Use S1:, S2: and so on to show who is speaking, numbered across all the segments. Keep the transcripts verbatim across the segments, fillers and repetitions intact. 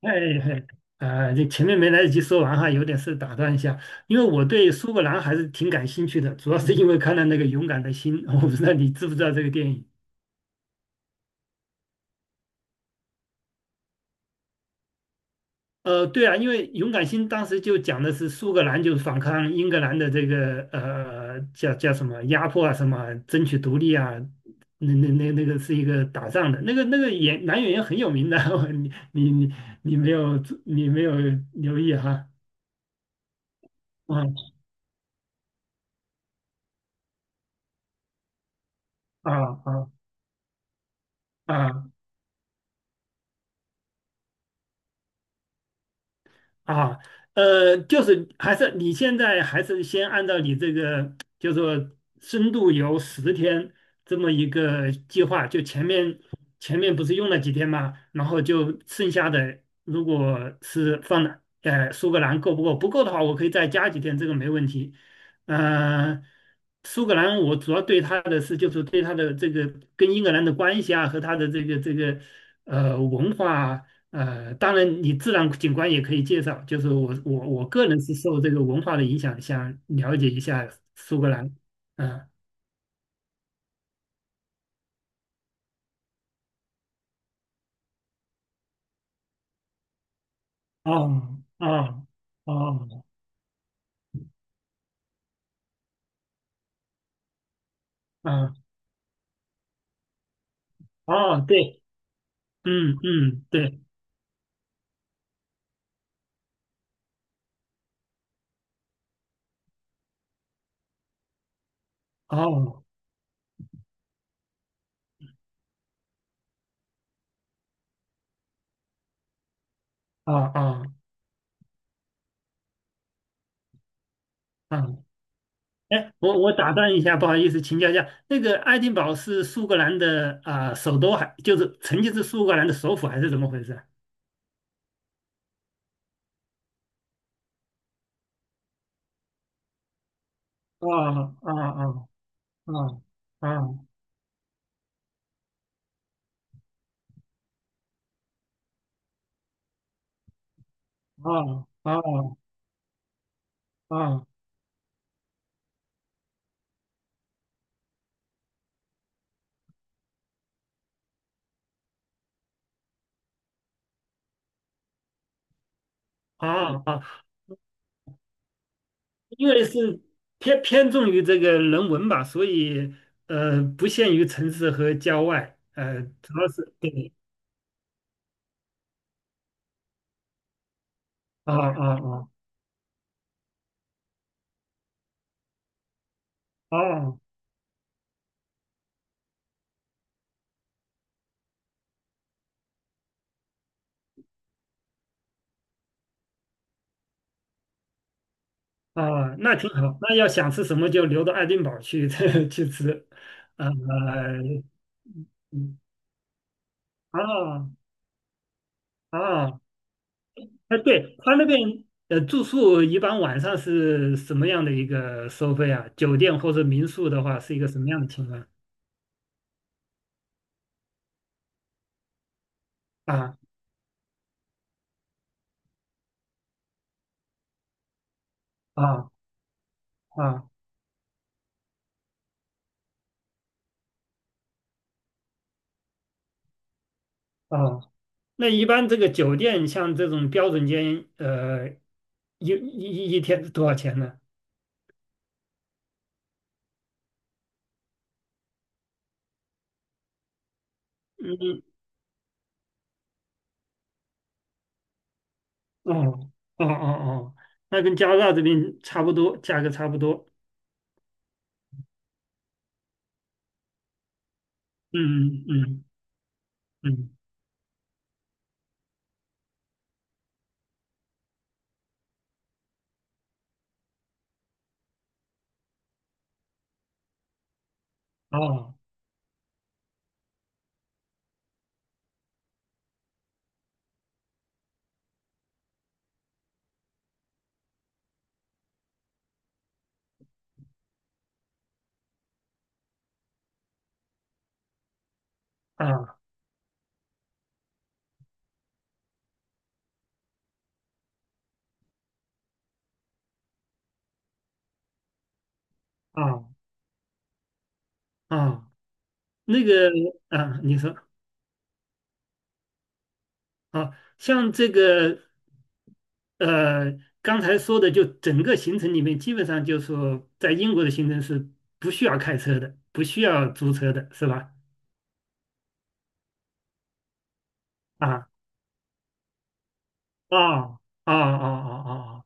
S1: 哎，呃，哎哎这前面没来得及说完哈，有点事打断一下，因为我对苏格兰还是挺感兴趣的，主要是因为看了那个《勇敢的心》，我不知道你知不知道这个电影。呃，对啊，因为《勇敢心》当时就讲的是苏格兰就是反抗英格兰的这个呃叫叫什么压迫啊，什么争取独立啊，那那那那个是一个打仗的，那个那个演男演员很有名的，你你你你没有你没有留意哈？嗯。啊啊啊！啊，呃，就是还是你现在还是先按照你这个，就是说深度游十天这么一个计划，就前面前面不是用了几天嘛，然后就剩下的如果是放了，呃，苏格兰够不够？不够的话，我可以再加几天，这个没问题。呃，苏格兰我主要对它的是，就是对它的这个跟英格兰的关系啊，和它的这个这个呃文化啊。呃，当然，你自然景观也可以介绍。就是我我我个人是受这个文化的影响，想了解一下苏格兰。嗯。哦哦哦。嗯。哦，对。嗯嗯，对。哦哦哦哦。哎，我我打断一下，不好意思，请教一下，那个爱丁堡是苏格兰的啊、首都还就是曾经是苏格兰的首府还是怎么回事？哦哦哦哦哦哦哦哦哦哦哦哦。因为是偏偏重于这个人文吧，所以呃不限于城市和郊外，呃主要是对。啊啊啊。哦哦，那挺好。那要想吃什么就留到爱丁堡去 去吃。呃嗯。啊啊。哎，对他那边呃住宿一般晚上是什么样的一个收费啊？酒店或者民宿的话是一个什么样的情况？啊啊啊啊。那一般这个酒店像这种标准间，呃，一一一天是多少钱呢？嗯。哦哦哦哦，那跟加拿大这边差不多，价格差不多。嗯嗯嗯。哦。啊啊啊。那个。啊，你说。啊，像这个呃，刚才说的，就整个行程里面，基本上就是说，在英国的行程是不需要开车的，不需要租车的，是吧？啊。啊啊啊啊啊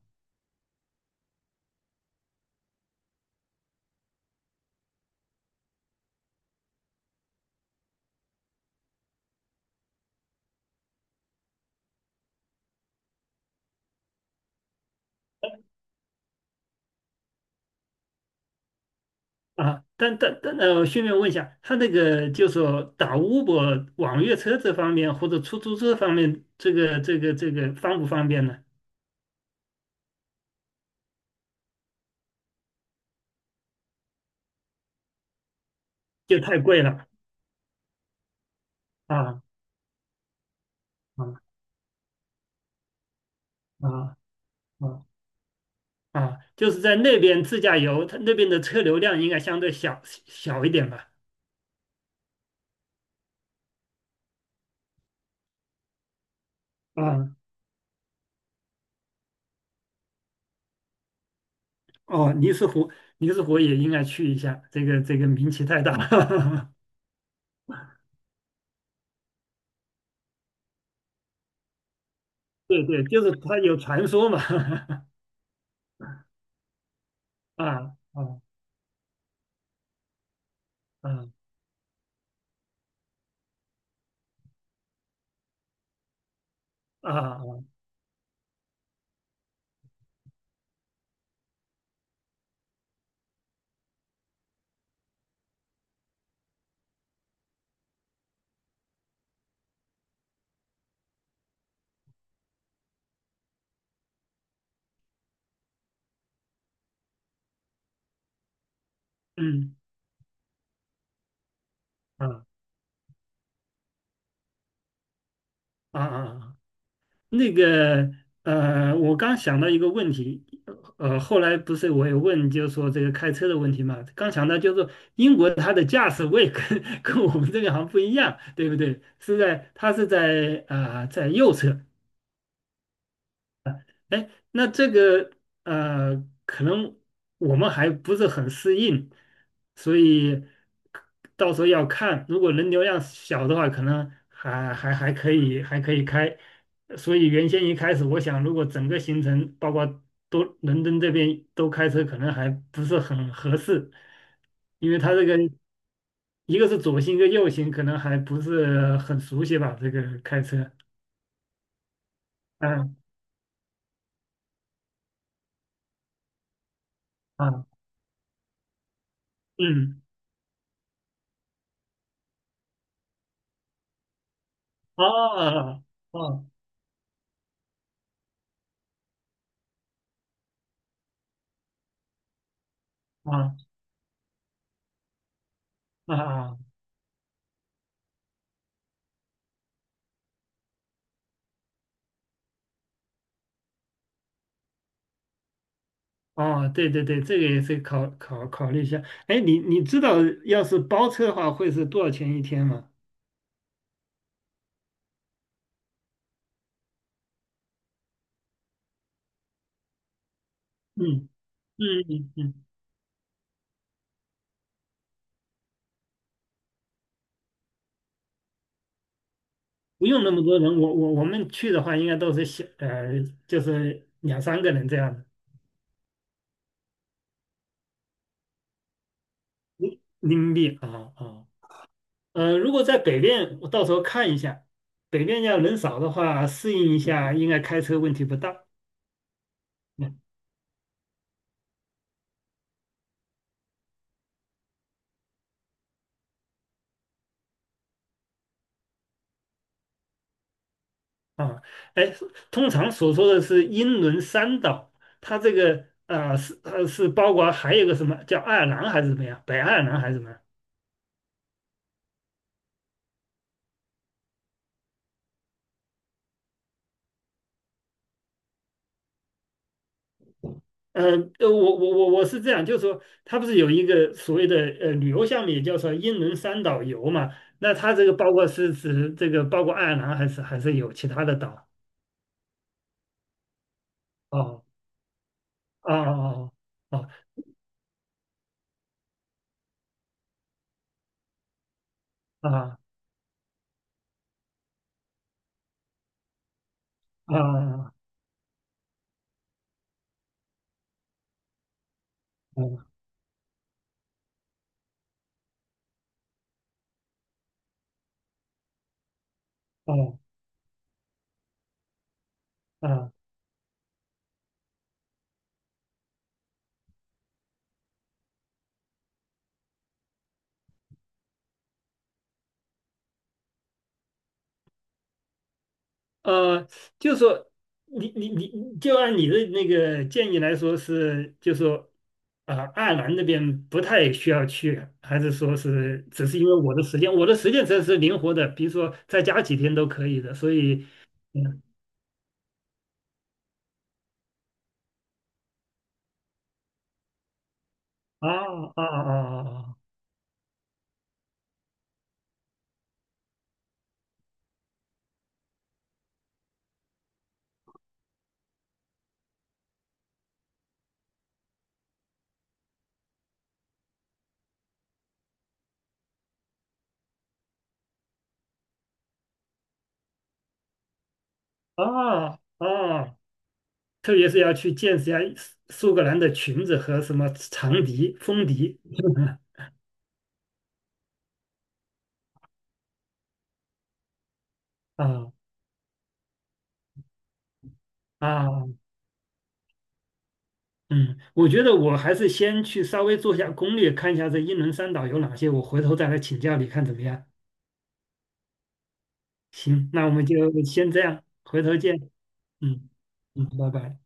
S1: 啊！啊，但但但呃，顺便问一下，他那个就说打 Uber 网约车这方面或者出租车方面，这个这个这个方不方便呢？就太贵了。啊啊啊啊啊！就是在那边自驾游，他那边的车流量应该相对小小一点吧？啊。哦，尼斯湖尼斯湖也应该去一下，这个这个名气太大了。对对，就是他有传说嘛。啊啊啊！啊啊。嗯。啊啊啊！那个呃，我刚想到一个问题。呃，后来不是我也问，就是说这个开车的问题嘛，刚想到就是说英国它的驾驶位跟 跟我们这边好像不一样，对不对？是在它是在啊、呃在右侧。哎，那这个呃，可能我们还不是很适应，所以到时候要看，如果人流量小的话，可能还还还可以，还可以开。所以原先一开始，我想如果整个行程包括都伦敦这边都开车，可能还不是很合适，因为它这个一个是左行，一个右行，可能还不是很熟悉吧，这个开车。嗯。啊，嗯。哦哦。啊啊啊！哦，对对对，这个也是考考考虑一下。哎，你你知道要是包车的话会是多少钱一天吗？嗯嗯嗯嗯，不用那么多人，我我我们去的话应该都是小呃，就是两三个人这样的。民币啊啊。呃，如果在北边，我到时候看一下，北边要人少的话适应一下，应该开车问题不大。嗯。啊，哎，通常所说的是英伦三岛，它这个啊是呃是包括还有一个什么叫爱尔兰还是怎么样，北爱尔兰还是什么？呃，呃我我我我是这样，就是说它不是有一个所谓的呃旅游项目，也叫做英伦三岛游嘛？那它这个包括是指这个包括爱尔兰还是还是有其他的岛？哦哦哦哦哦。啊啊啊啊！哦哦。啊。呃，就说你你你，就按你的那个建议来说是，就说啊、呃爱尔兰那边不太需要去，还是说是只是因为我的时间，我的时间真是灵活的，比如说再加几天都可以的，所以嗯。啊啊啊啊啊啊，特别是要去见识一下苏格兰的裙子和什么长笛、风笛。啊啊。嗯，我觉得我还是先去稍微做一下攻略，看一下这英伦三岛有哪些，我回头再来请教你看怎么样。行，那我们就先这样，回头见。嗯嗯，拜拜。